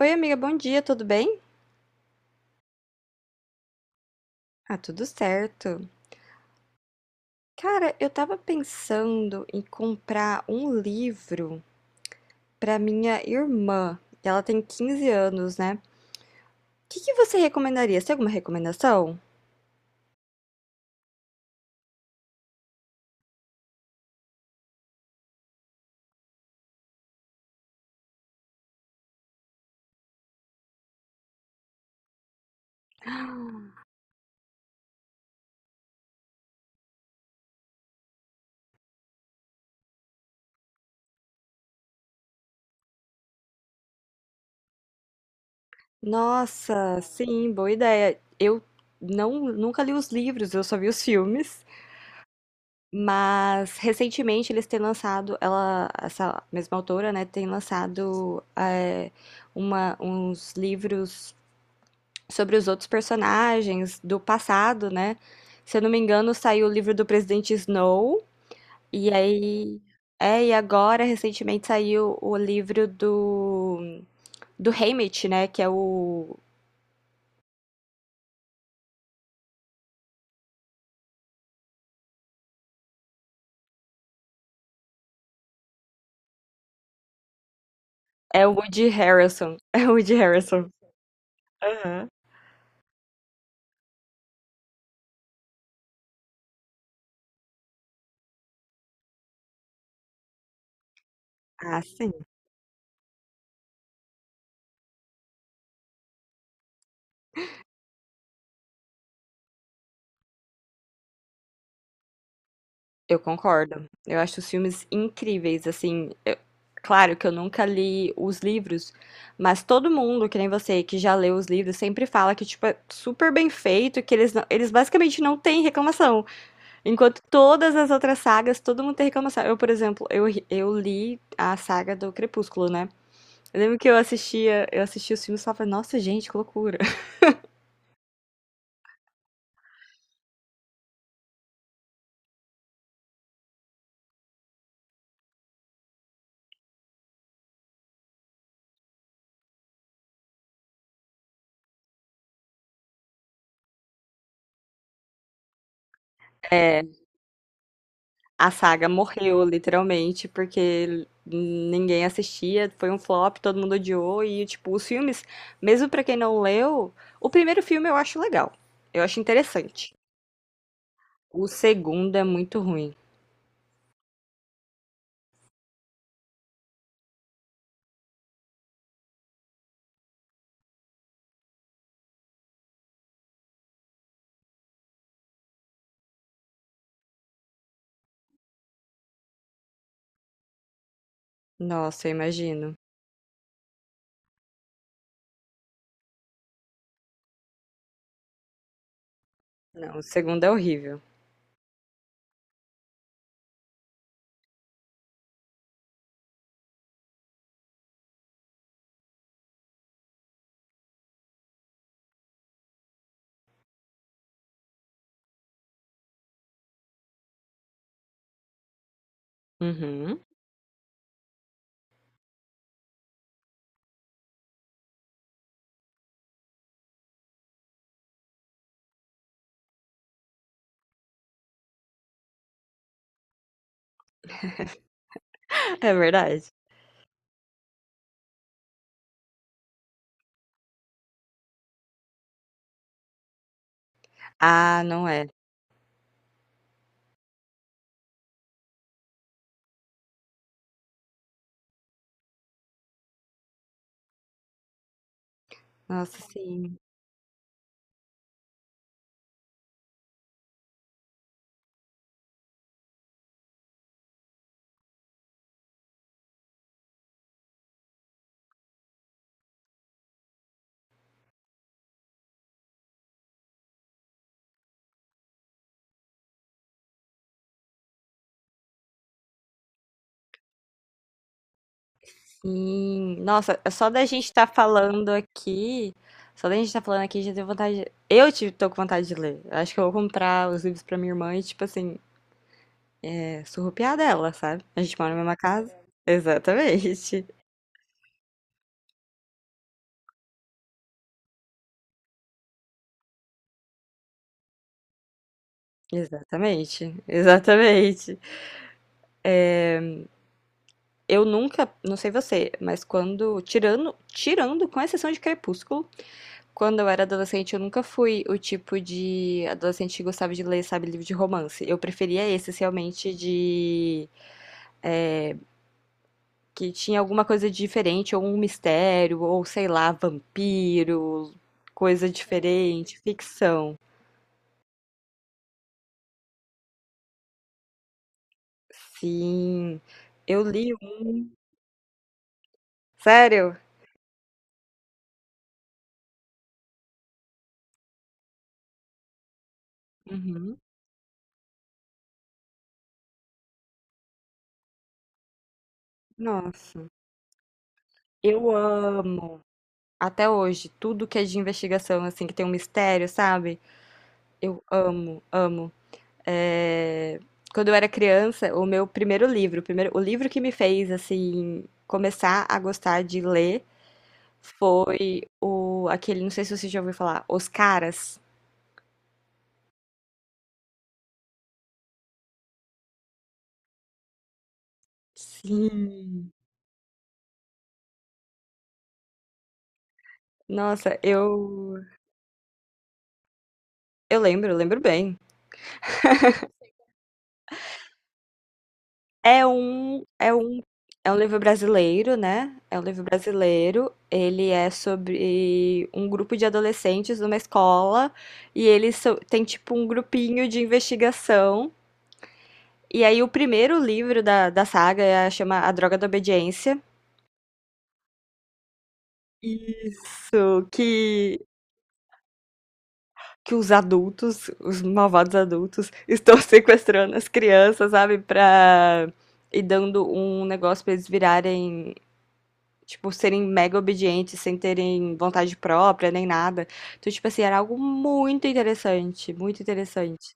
Oi, amiga, bom dia, tudo bem? Ah, tudo certo. Cara, eu tava pensando em comprar um livro pra minha irmã. Ela tem 15 anos, né? O que que você recomendaria? Você tem alguma recomendação? Nossa, sim, boa ideia. Eu não, nunca li os livros, eu só vi os filmes. Mas recentemente eles têm lançado, ela, essa mesma autora, né, tem lançado uma, uns livros sobre os outros personagens do passado, né? Se eu não me engano, saiu o livro do Presidente Snow, e aí. É, e agora, recentemente, saiu o livro do, do Haymitch, né? Que é o. É o Woody Harrelson. É o Woody Harrelson. Aham. Ah, sim. Eu concordo. Eu acho os filmes incríveis, assim. Claro que eu nunca li os livros, mas todo mundo, que nem você, que já leu os livros, sempre fala que, tipo, é super bem feito, que eles, eles basicamente não têm reclamação. Enquanto todas as outras sagas, todo mundo tem reclamação. Eu, por exemplo, eu, eu li a saga do Crepúsculo, né? Eu lembro que eu assistia os filmes e falava, nossa, gente, que loucura. A saga morreu, literalmente, porque ninguém assistia, foi um flop, todo mundo odiou e, tipo, os filmes, mesmo pra quem não leu, o primeiro filme eu acho legal, eu acho interessante. O segundo é muito ruim. Nossa, eu imagino. Não, o segundo é horrível. Uhum. É verdade. Ah, não é. Nossa, sim. Sim. Nossa, é só da gente estar falando aqui, só da gente estar falando aqui, já tenho vontade. Eu tive, tô com vontade de ler. Eu Acho que eu vou comprar os livros pra minha irmã e, tipo assim, é, surrupiar dela, sabe? A gente mora na mesma casa. Exatamente. Exatamente. Exatamente. Eu nunca, não sei você, mas quando, tirando, com exceção de Crepúsculo, quando eu era adolescente, eu nunca fui o tipo de adolescente que gostava de ler, sabe, livro de romance. Eu preferia esses realmente de que tinha alguma coisa diferente, ou um mistério, ou sei lá, vampiro, coisa diferente, ficção. Sim, eu li um. Sério? Uhum. Nossa, eu amo até hoje tudo que é de investigação, assim, que tem um mistério, sabe? Eu amo, amo. É, quando eu era criança, o meu primeiro livro, o primeiro, o livro que me fez assim começar a gostar de ler foi o aquele, não sei se você já ouviu falar, Os Caras. Sim. Nossa, eu lembro bem. É um é um é um livro brasileiro, né? É um livro brasileiro. Ele é sobre um grupo de adolescentes numa escola e eles têm tipo um grupinho de investigação. E aí o primeiro livro da saga é, chama A Droga da Obediência. Isso, que os adultos, os malvados adultos, estão sequestrando as crianças, sabe? Pra. E dando um negócio pra eles virarem. Tipo, serem mega obedientes, sem terem vontade própria, nem nada. Então, tipo assim, era algo muito interessante, muito interessante.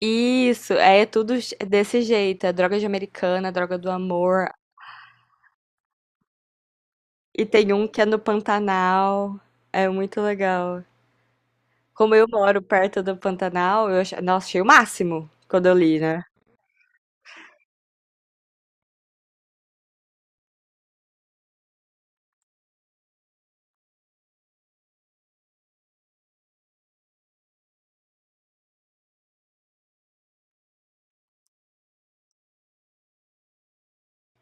Isso, é tudo desse jeito. É droga de americana, droga do amor. E tem um que é no Pantanal. É muito legal. Como eu moro perto do Pantanal, eu achei, nossa, achei o máximo quando eu li, né?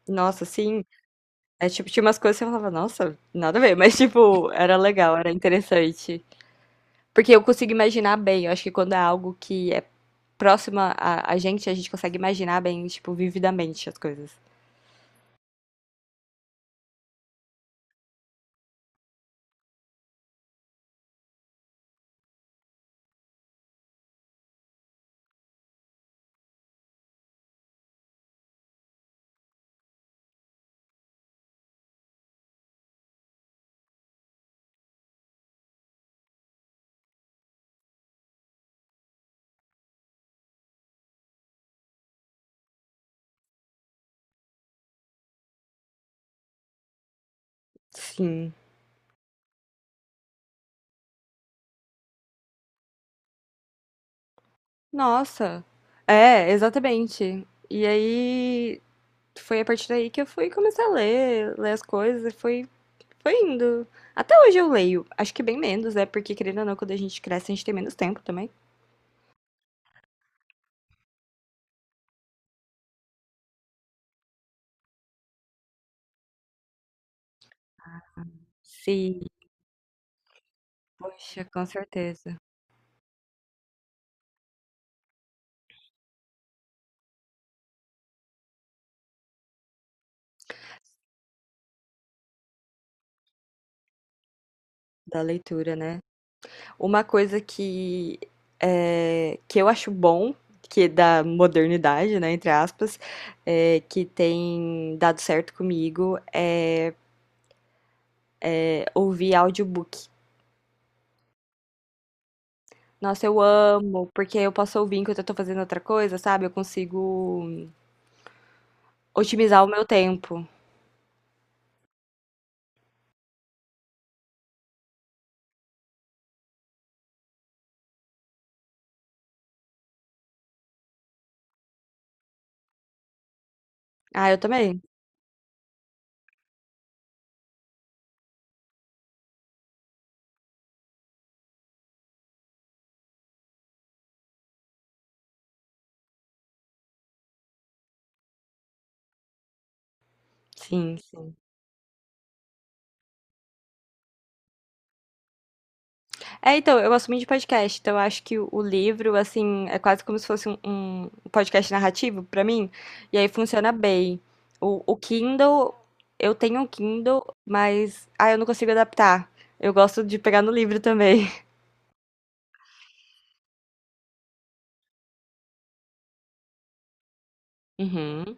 Nossa, sim. É, tipo, tinha umas coisas que eu falava, nossa, nada a ver, mas, tipo, era legal, era interessante. Porque eu consigo imaginar bem, eu acho que quando é algo que é próximo a, a gente consegue imaginar bem, tipo, vividamente as coisas. Sim. Nossa. É, exatamente. E aí, foi a partir daí que eu fui começar a ler, ler as coisas, e foi, foi indo. Até hoje eu leio, acho que bem menos, é porque, querendo ou não, quando a gente cresce, a gente tem menos tempo também. Sim, poxa, com certeza. Da leitura, né? Uma coisa que, que eu acho bom, que é da modernidade, né, entre aspas, que tem dado certo comigo, é, é ouvir audiobook. Nossa, eu amo, porque eu posso ouvir enquanto eu tô fazendo outra coisa, sabe? Eu consigo otimizar o meu tempo. Ah, eu também. Sim, sim. É, então, eu gosto muito de podcast, então eu acho que o livro, assim, é quase como se fosse um, um podcast narrativo pra mim, e aí funciona bem. O Kindle, eu tenho um Kindle, mas, ah, eu não consigo adaptar. Eu gosto de pegar no livro também. Uhum.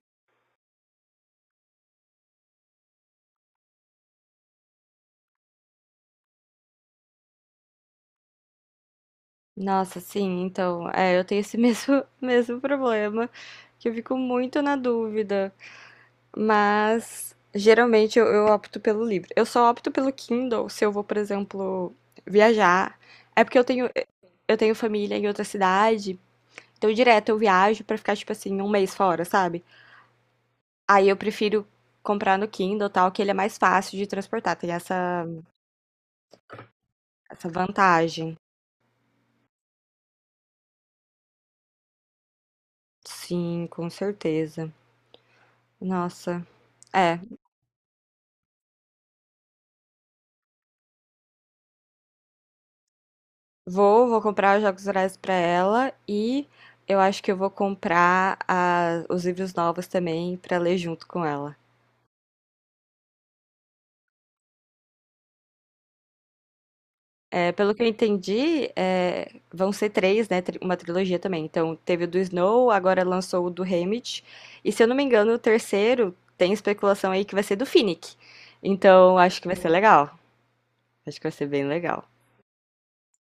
Nossa, sim, então, é, eu tenho esse mesmo, mesmo problema, que eu fico muito na dúvida. Mas geralmente eu opto pelo livro. Eu só opto pelo Kindle se eu vou, por exemplo, viajar. É porque eu tenho família em outra cidade, então direto eu viajo pra ficar, tipo assim, um mês fora, sabe? Aí eu prefiro comprar no Kindle, tal, que ele é mais fácil de transportar, tem essa, essa vantagem. Sim, com certeza. Nossa, é. Vou comprar os Jogos Vorazes pra ela e eu acho que eu vou comprar os livros novos também pra ler junto com ela. É, pelo que eu entendi, é, vão ser três, né? Uma trilogia também. Então, teve o do Snow, agora lançou o do Haymitch. E se eu não me engano, o terceiro tem especulação aí que vai ser do Finnick. Então, acho que vai ser legal. Acho que vai ser bem legal.